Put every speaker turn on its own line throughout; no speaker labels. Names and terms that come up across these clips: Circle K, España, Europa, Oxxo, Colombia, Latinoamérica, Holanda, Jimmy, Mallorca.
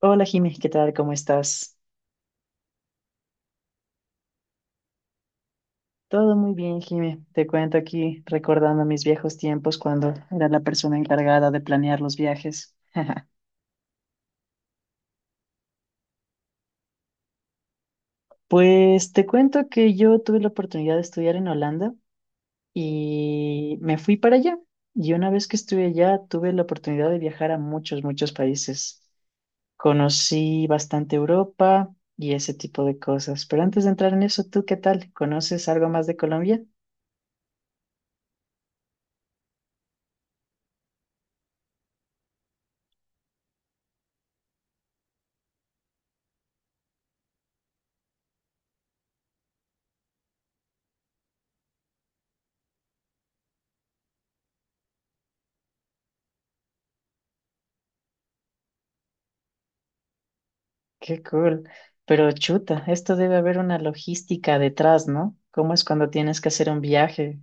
Hola Jimmy, ¿qué tal? ¿Cómo estás? Todo muy bien, Jimmy. Te cuento aquí recordando mis viejos tiempos cuando era la persona encargada de planear los viajes. Pues te cuento que yo tuve la oportunidad de estudiar en Holanda y me fui para allá. Y una vez que estuve allá, tuve la oportunidad de viajar a muchos países. Conocí bastante Europa y ese tipo de cosas. Pero antes de entrar en eso, ¿tú qué tal? ¿Conoces algo más de Colombia? Qué cool. Pero chuta, esto debe haber una logística detrás, ¿no? ¿Cómo es cuando tienes que hacer un viaje?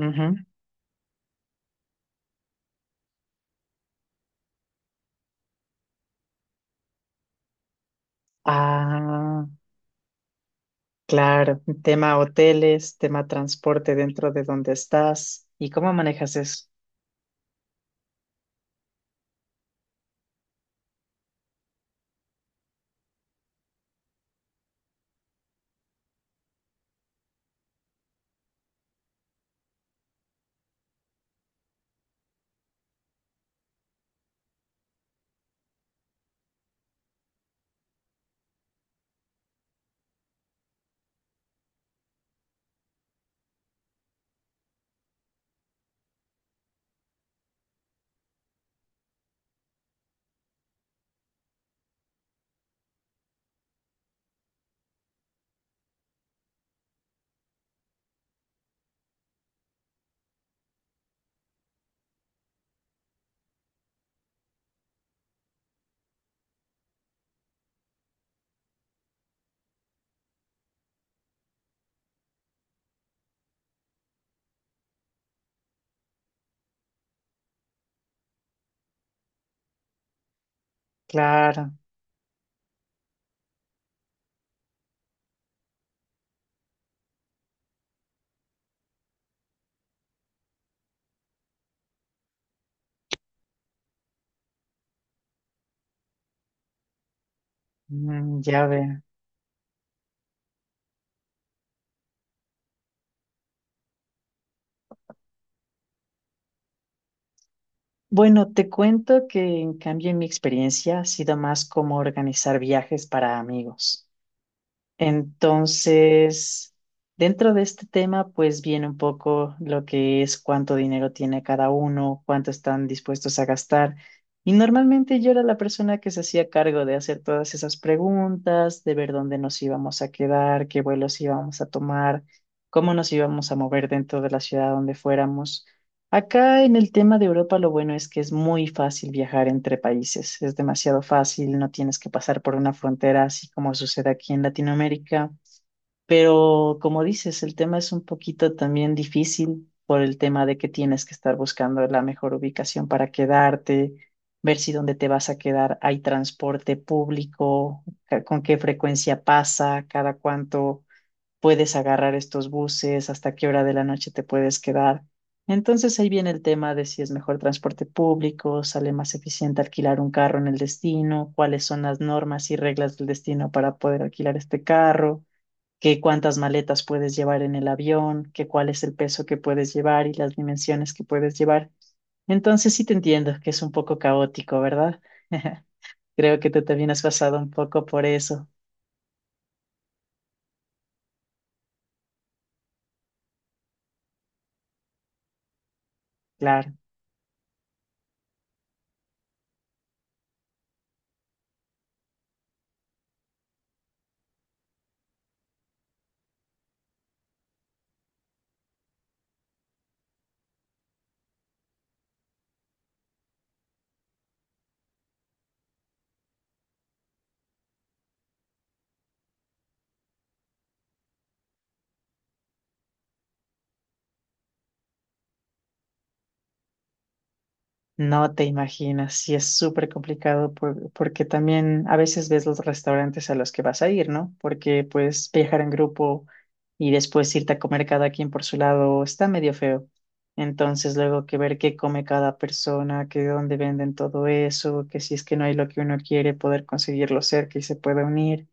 Ujú. Ah, claro. Tema hoteles, tema transporte dentro de donde estás. ¿Y cómo manejas eso? Claro. Mm, ya veo. Bueno, te cuento que en cambio en mi experiencia ha sido más como organizar viajes para amigos. Entonces, dentro de este tema, pues viene un poco lo que es cuánto dinero tiene cada uno, cuánto están dispuestos a gastar. Y normalmente yo era la persona que se hacía cargo de hacer todas esas preguntas, de ver dónde nos íbamos a quedar, qué vuelos íbamos a tomar, cómo nos íbamos a mover dentro de la ciudad donde fuéramos. Acá en el tema de Europa, lo bueno es que es muy fácil viajar entre países, es demasiado fácil, no tienes que pasar por una frontera así como sucede aquí en Latinoamérica, pero como dices, el tema es un poquito también difícil por el tema de que tienes que estar buscando la mejor ubicación para quedarte, ver si dónde te vas a quedar hay transporte público, con qué frecuencia pasa, cada cuánto puedes agarrar estos buses, hasta qué hora de la noche te puedes quedar. Entonces ahí viene el tema de si es mejor transporte público, sale más eficiente alquilar un carro en el destino, cuáles son las normas y reglas del destino para poder alquilar este carro, qué cuántas maletas puedes llevar en el avión, qué cuál es el peso que puedes llevar y las dimensiones que puedes llevar. Entonces sí te entiendo que es un poco caótico, ¿verdad? Creo que tú también has pasado un poco por eso, claro. No te imaginas, sí es súper complicado porque también a veces ves los restaurantes a los que vas a ir, ¿no? Porque pues viajar en grupo y después irte a comer cada quien por su lado está medio feo. Entonces luego que ver qué come cada persona, que dónde venden todo eso, que si es que no hay lo que uno quiere, poder conseguirlo cerca y se pueda unir.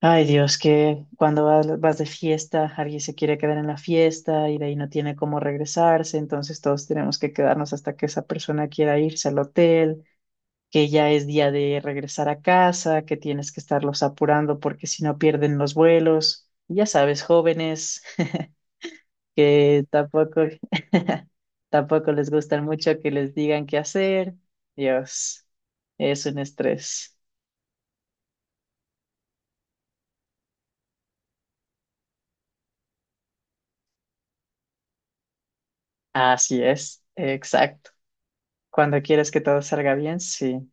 Ay Dios, que cuando vas de fiesta, alguien se quiere quedar en la fiesta y de ahí no tiene cómo regresarse, entonces todos tenemos que quedarnos hasta que esa persona quiera irse al hotel, que ya es día de regresar a casa, que tienes que estarlos apurando porque si no pierden los vuelos. Ya sabes, jóvenes que tampoco, tampoco les gusta mucho que les digan qué hacer. Dios, es un estrés. Así es, cuando quieres que todo salga bien, sí.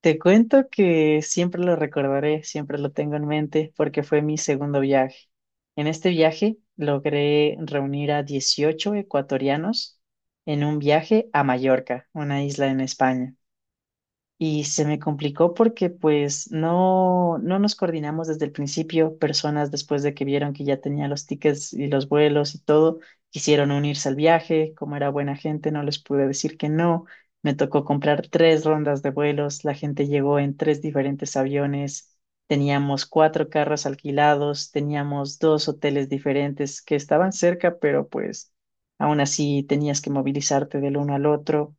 Te cuento que siempre lo recordaré, siempre lo tengo en mente, porque fue mi segundo viaje. En este viaje logré reunir a 18 ecuatorianos en un viaje a Mallorca, una isla en España. Y se me complicó porque pues no, no nos coordinamos desde el principio. Personas después de que vieron que ya tenía los tickets y los vuelos y todo, quisieron unirse al viaje. Como era buena gente, no les pude decir que no. Me tocó comprar tres rondas de vuelos. La gente llegó en tres diferentes aviones. Teníamos cuatro carros alquilados. Teníamos dos hoteles diferentes que estaban cerca, pero pues aún así tenías que movilizarte del uno al otro.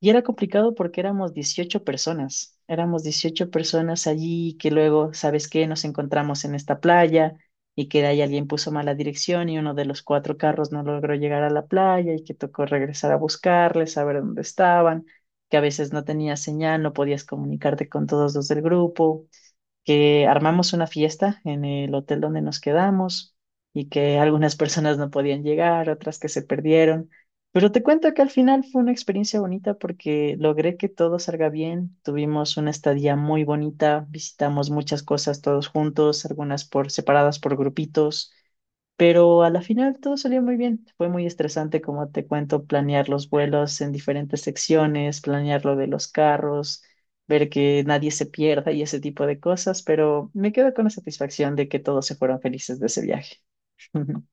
Y era complicado porque éramos dieciocho personas allí que luego, ¿sabes qué? Nos encontramos en esta playa y que de ahí alguien puso mala dirección y uno de los cuatro carros no logró llegar a la playa y que tocó regresar a buscarles, saber dónde estaban, que a veces no tenía señal, no podías comunicarte con todos los del grupo, que armamos una fiesta en el hotel donde nos quedamos y que algunas personas no podían llegar, otras que se perdieron. Pero te cuento que al final fue una experiencia bonita porque logré que todo salga bien. Tuvimos una estadía muy bonita, visitamos muchas cosas todos juntos, algunas por separadas por grupitos. Pero a la final todo salió muy bien. Fue muy estresante, como te cuento, planear los vuelos en diferentes secciones, planear lo de los carros, ver que nadie se pierda y ese tipo de cosas, pero me quedo con la satisfacción de que todos se fueron felices de ese viaje.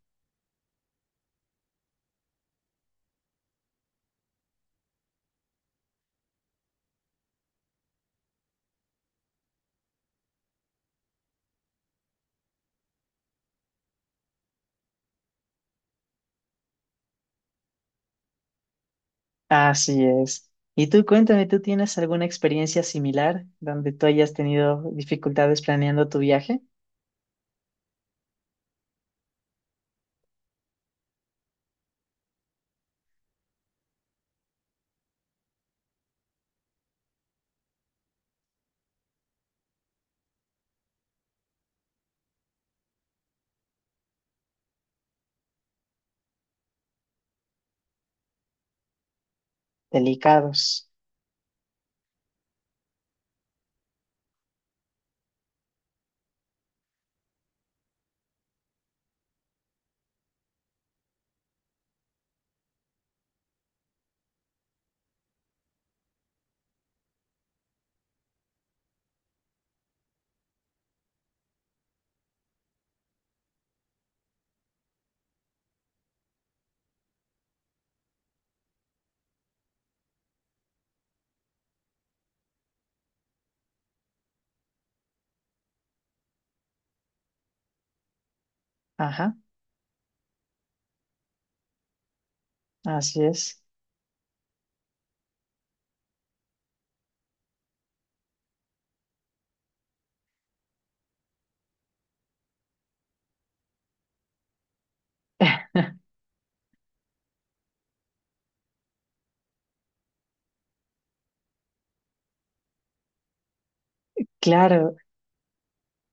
Así es. Y tú cuéntame, ¿tú tienes alguna experiencia similar donde tú hayas tenido dificultades planeando tu viaje? Delicados. Ajá, así es. Claro,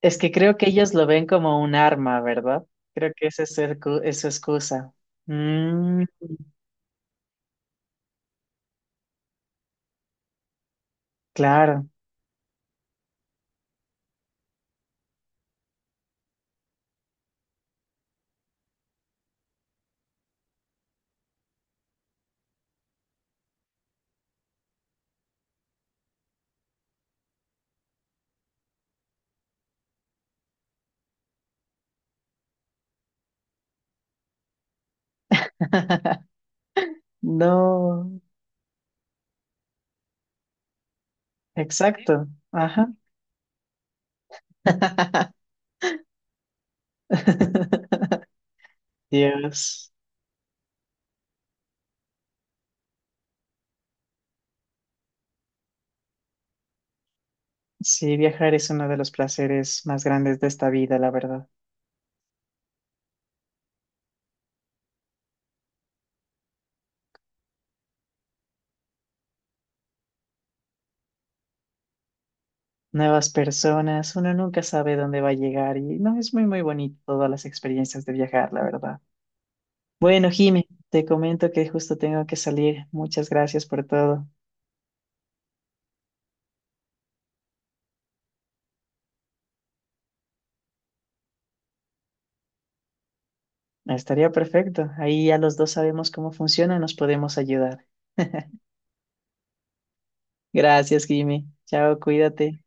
es que creo que ellos lo ven como un arma, ¿verdad? Creo que esa es es su excusa. Mm, claro. No, exacto. Ajá. Dios. Sí, viajar es uno de los placeres más grandes de esta vida, la verdad. Nuevas personas, uno nunca sabe dónde va a llegar y no es muy bonito todas las experiencias de viajar, la verdad. Bueno, Jimmy, te comento que justo tengo que salir. Muchas gracias por todo. Estaría perfecto. Ahí ya los dos sabemos cómo funciona, nos podemos ayudar. Gracias, Jimmy. Chao, cuídate.